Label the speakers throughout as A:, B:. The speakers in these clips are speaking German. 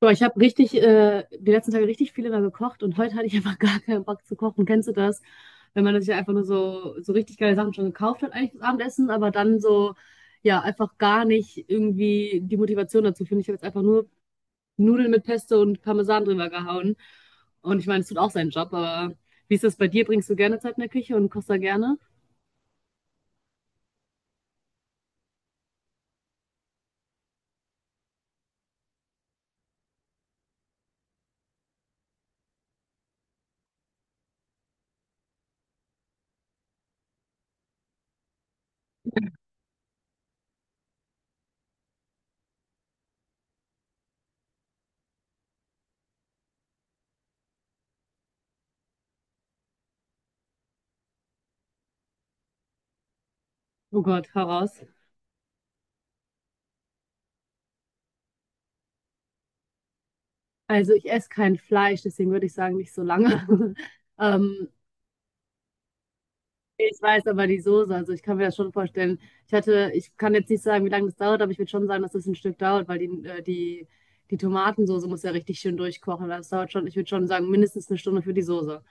A: Boah, ich habe richtig, die letzten Tage richtig viel immer gekocht und heute hatte ich einfach gar keinen Bock zu kochen. Kennst du das? Wenn man sich einfach nur so richtig geile Sachen schon gekauft hat, eigentlich das Abendessen, aber dann so, ja, einfach gar nicht irgendwie die Motivation dazu finde. Ich habe jetzt einfach nur Nudeln mit Pesto und Parmesan drüber gehauen. Und ich meine, es tut auch seinen Job, aber wie ist das bei dir? Bringst du gerne Zeit in der Küche und kochst da gerne? Oh Gott, hau raus. Also ich esse kein Fleisch, deswegen würde ich sagen, nicht so lange. Ähm, Ich weiß aber die Soße, also ich kann mir das schon vorstellen. Ich kann jetzt nicht sagen, wie lange das dauert, aber ich würde schon sagen, dass das ein Stück dauert, weil die Tomatensoße muss ja richtig schön durchkochen. Das dauert schon, ich würde schon sagen, mindestens eine Stunde für die Soße.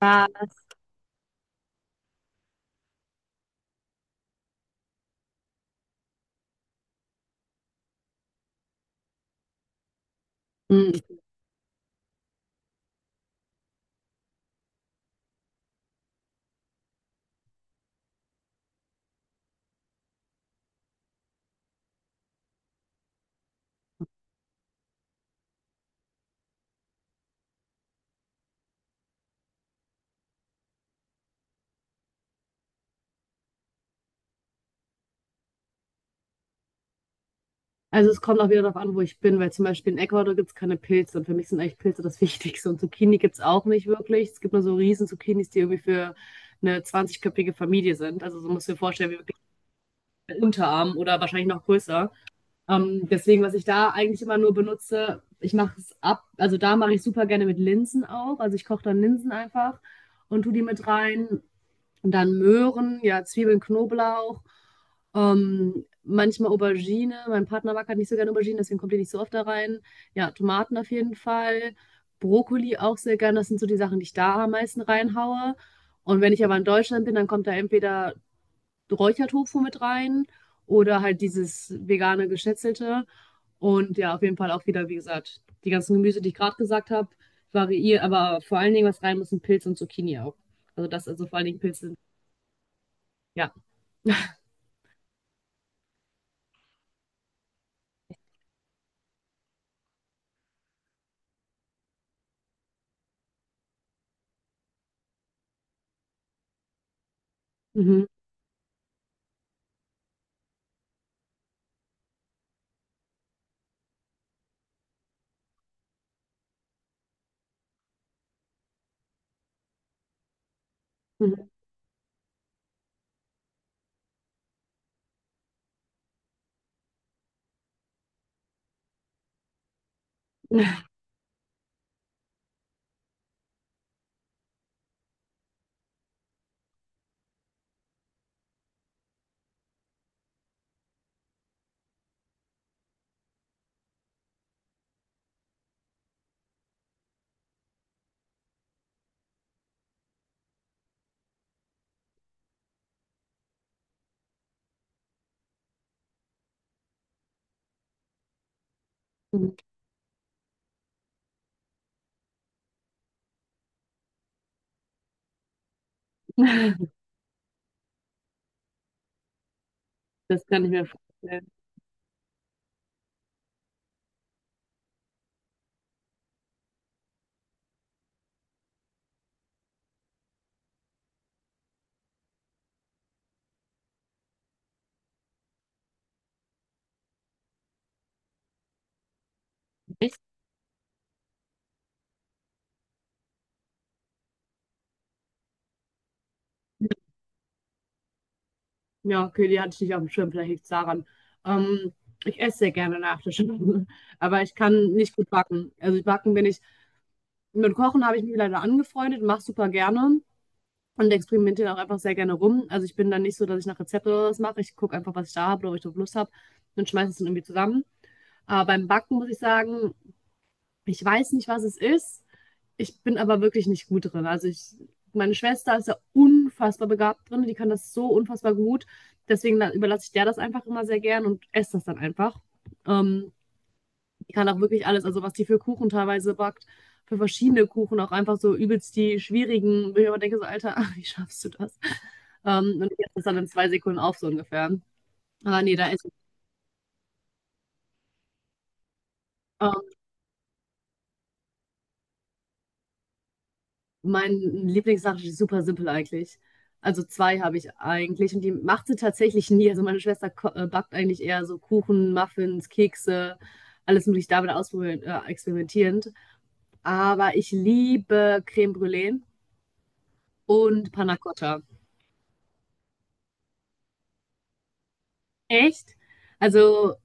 A: Was? Hm. Also es kommt auch wieder darauf an, wo ich bin, weil zum Beispiel in Ecuador gibt es keine Pilze und für mich sind eigentlich Pilze das Wichtigste. Und Zucchini gibt es auch nicht wirklich. Es gibt nur so riesen Zucchinis, die irgendwie für eine 20-köpfige Familie sind. Also so musst du dir vorstellen, wie wirklich ein Unterarm oder wahrscheinlich noch größer. Deswegen, was ich da eigentlich immer nur benutze, ich mache es ab, also da mache ich super gerne mit Linsen auch. Also ich koche dann Linsen einfach und tue die mit rein. Und dann Möhren, ja, Zwiebeln, Knoblauch, manchmal Aubergine. Mein Partner mag halt nicht so gerne Aubergine, deswegen kommt die nicht so oft da rein. Ja, Tomaten auf jeden Fall. Brokkoli auch sehr gerne. Das sind so die Sachen, die ich da am meisten reinhaue. Und wenn ich aber in Deutschland bin, dann kommt da entweder Räuchertofu mit rein oder halt dieses vegane Geschnetzelte. Und ja, auf jeden Fall auch wieder, wie gesagt, die ganzen Gemüse, die ich gerade gesagt habe, variieren, aber vor allen Dingen, was rein muss, sind Pilze und Zucchini auch. Also das, also vor allen Dingen Pilze, ja. Mhm. Mhm. Mhm. Das kann ich mir vorstellen. Ja, okay, die hatte ich nicht auf dem Schirm, vielleicht liegt es daran. Ähm, ich esse sehr gerne Nachtisch, aber ich kann nicht gut backen. Also backen bin ich, mit Kochen habe ich mich leider angefreundet, mache super gerne. Und experimentiere auch einfach sehr gerne rum. Also ich bin dann nicht so, dass ich nach Rezept oder was mache. Ich gucke einfach, was ich da habe oder ob ich drauf Lust habe und schmeiße es dann irgendwie zusammen. Aber beim Backen muss ich sagen, ich weiß nicht, was es ist. Ich bin aber wirklich nicht gut drin. Meine Schwester ist ja unfassbar begabt drin. Die kann das so unfassbar gut. Deswegen überlasse ich der das einfach immer sehr gern und esse das dann einfach. Ähm, die kann auch wirklich alles, also was die für Kuchen teilweise backt, für verschiedene Kuchen, auch einfach so übelst die schwierigen, wo ich immer denke, so, Alter, wie schaffst du das? Und ich esse das dann in zwei Sekunden auf, so ungefähr. Aber nee, da ist ähm, mein Lieblingssache ist super simpel eigentlich. Also zwei habe ich eigentlich und die macht sie tatsächlich nie. Also meine Schwester backt eigentlich eher so Kuchen, Muffins, Kekse, alles mögliche damit ausprobieren, experimentierend. Aber ich liebe Creme Brûlée und Panna Cotta. Echt? Also,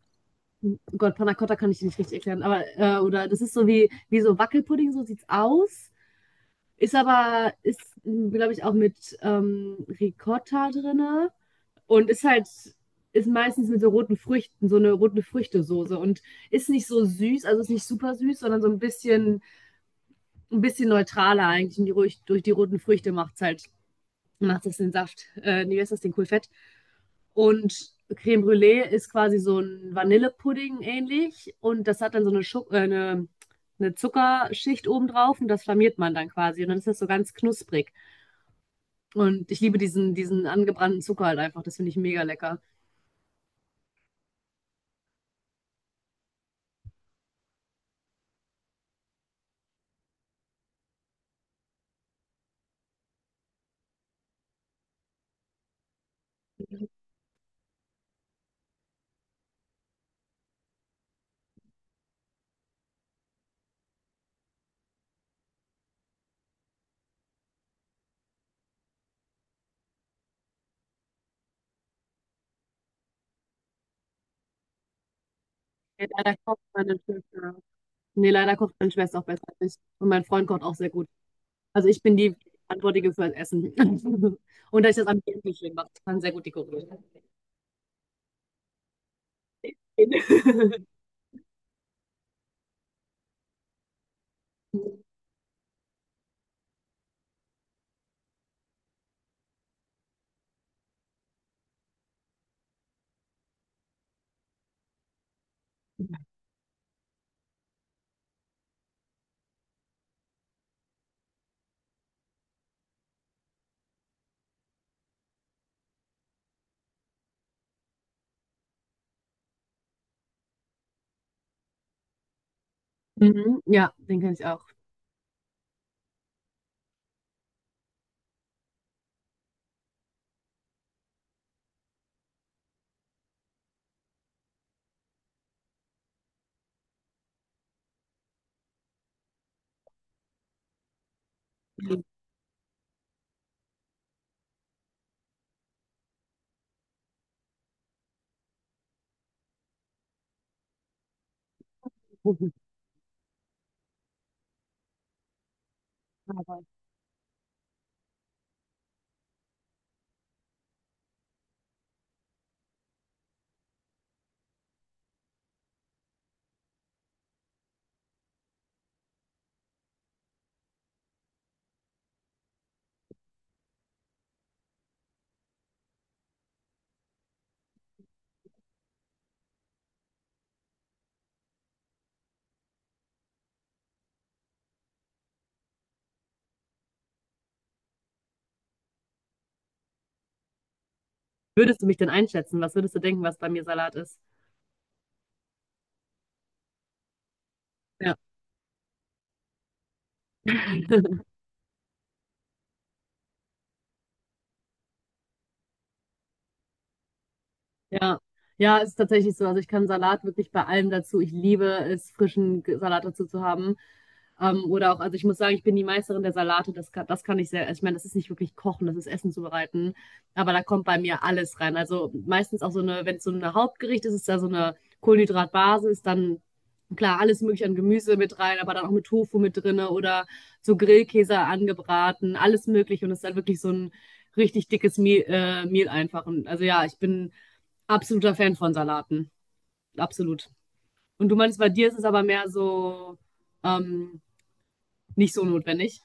A: Gott, Panna Cotta kann ich dir nicht richtig erklären, aber, oder das ist so wie so Wackelpudding, so sieht's aus. Ist, glaube ich, auch mit Ricotta drinne und ist halt, ist meistens mit so roten Früchten, so eine rote Früchtesoße und ist nicht so süß, also ist nicht super süß, sondern so ein bisschen neutraler eigentlich und die, ruhig durch die roten Früchte macht's halt, macht es den Saft, nee, wie heißt das, den Kohlfett. Und Creme Brûlée ist quasi so ein Vanillepudding ähnlich und das hat dann so eine Zuckerschicht obendrauf und das flammiert man dann quasi und dann ist das so ganz knusprig. Und ich liebe diesen angebrannten Zucker halt einfach, das finde ich mega lecker. Ja, Leider kocht meine Schwester. Leider kocht meine Schwester auch besser als ich. Und mein Freund kocht auch sehr gut. Also ich bin die Verantwortliche für das Essen. Und da ich das Ambiente schön mache, das kann sehr gut dekorieren. Mhm, ja, den kenne ich auch. Würdest du mich denn einschätzen? Was würdest du denken, was bei mir Salat ist? Ja. Ja, ja, ist tatsächlich so. Also ich kann Salat wirklich bei allem dazu. Ich liebe es, frischen Salat dazu zu haben. Oder auch, also ich muss sagen, ich bin die Meisterin der Salate. Das kann ich sehr, ich meine, das ist nicht wirklich kochen, das ist Essen zubereiten. Aber da kommt bei mir alles rein. Also meistens auch so eine, wenn es so ein Hauptgericht ist, ist da so eine Kohlenhydratbasis, dann klar, alles mögliche an Gemüse mit rein, aber dann auch mit Tofu mit drinne oder so Grillkäse angebraten, alles mögliche. Und es ist dann wirklich so ein richtig dickes Mehl einfach. Und also ja, ich bin absoluter Fan von Salaten. Absolut. Und du meinst, bei dir ist es aber mehr so ähm, nicht so notwendig.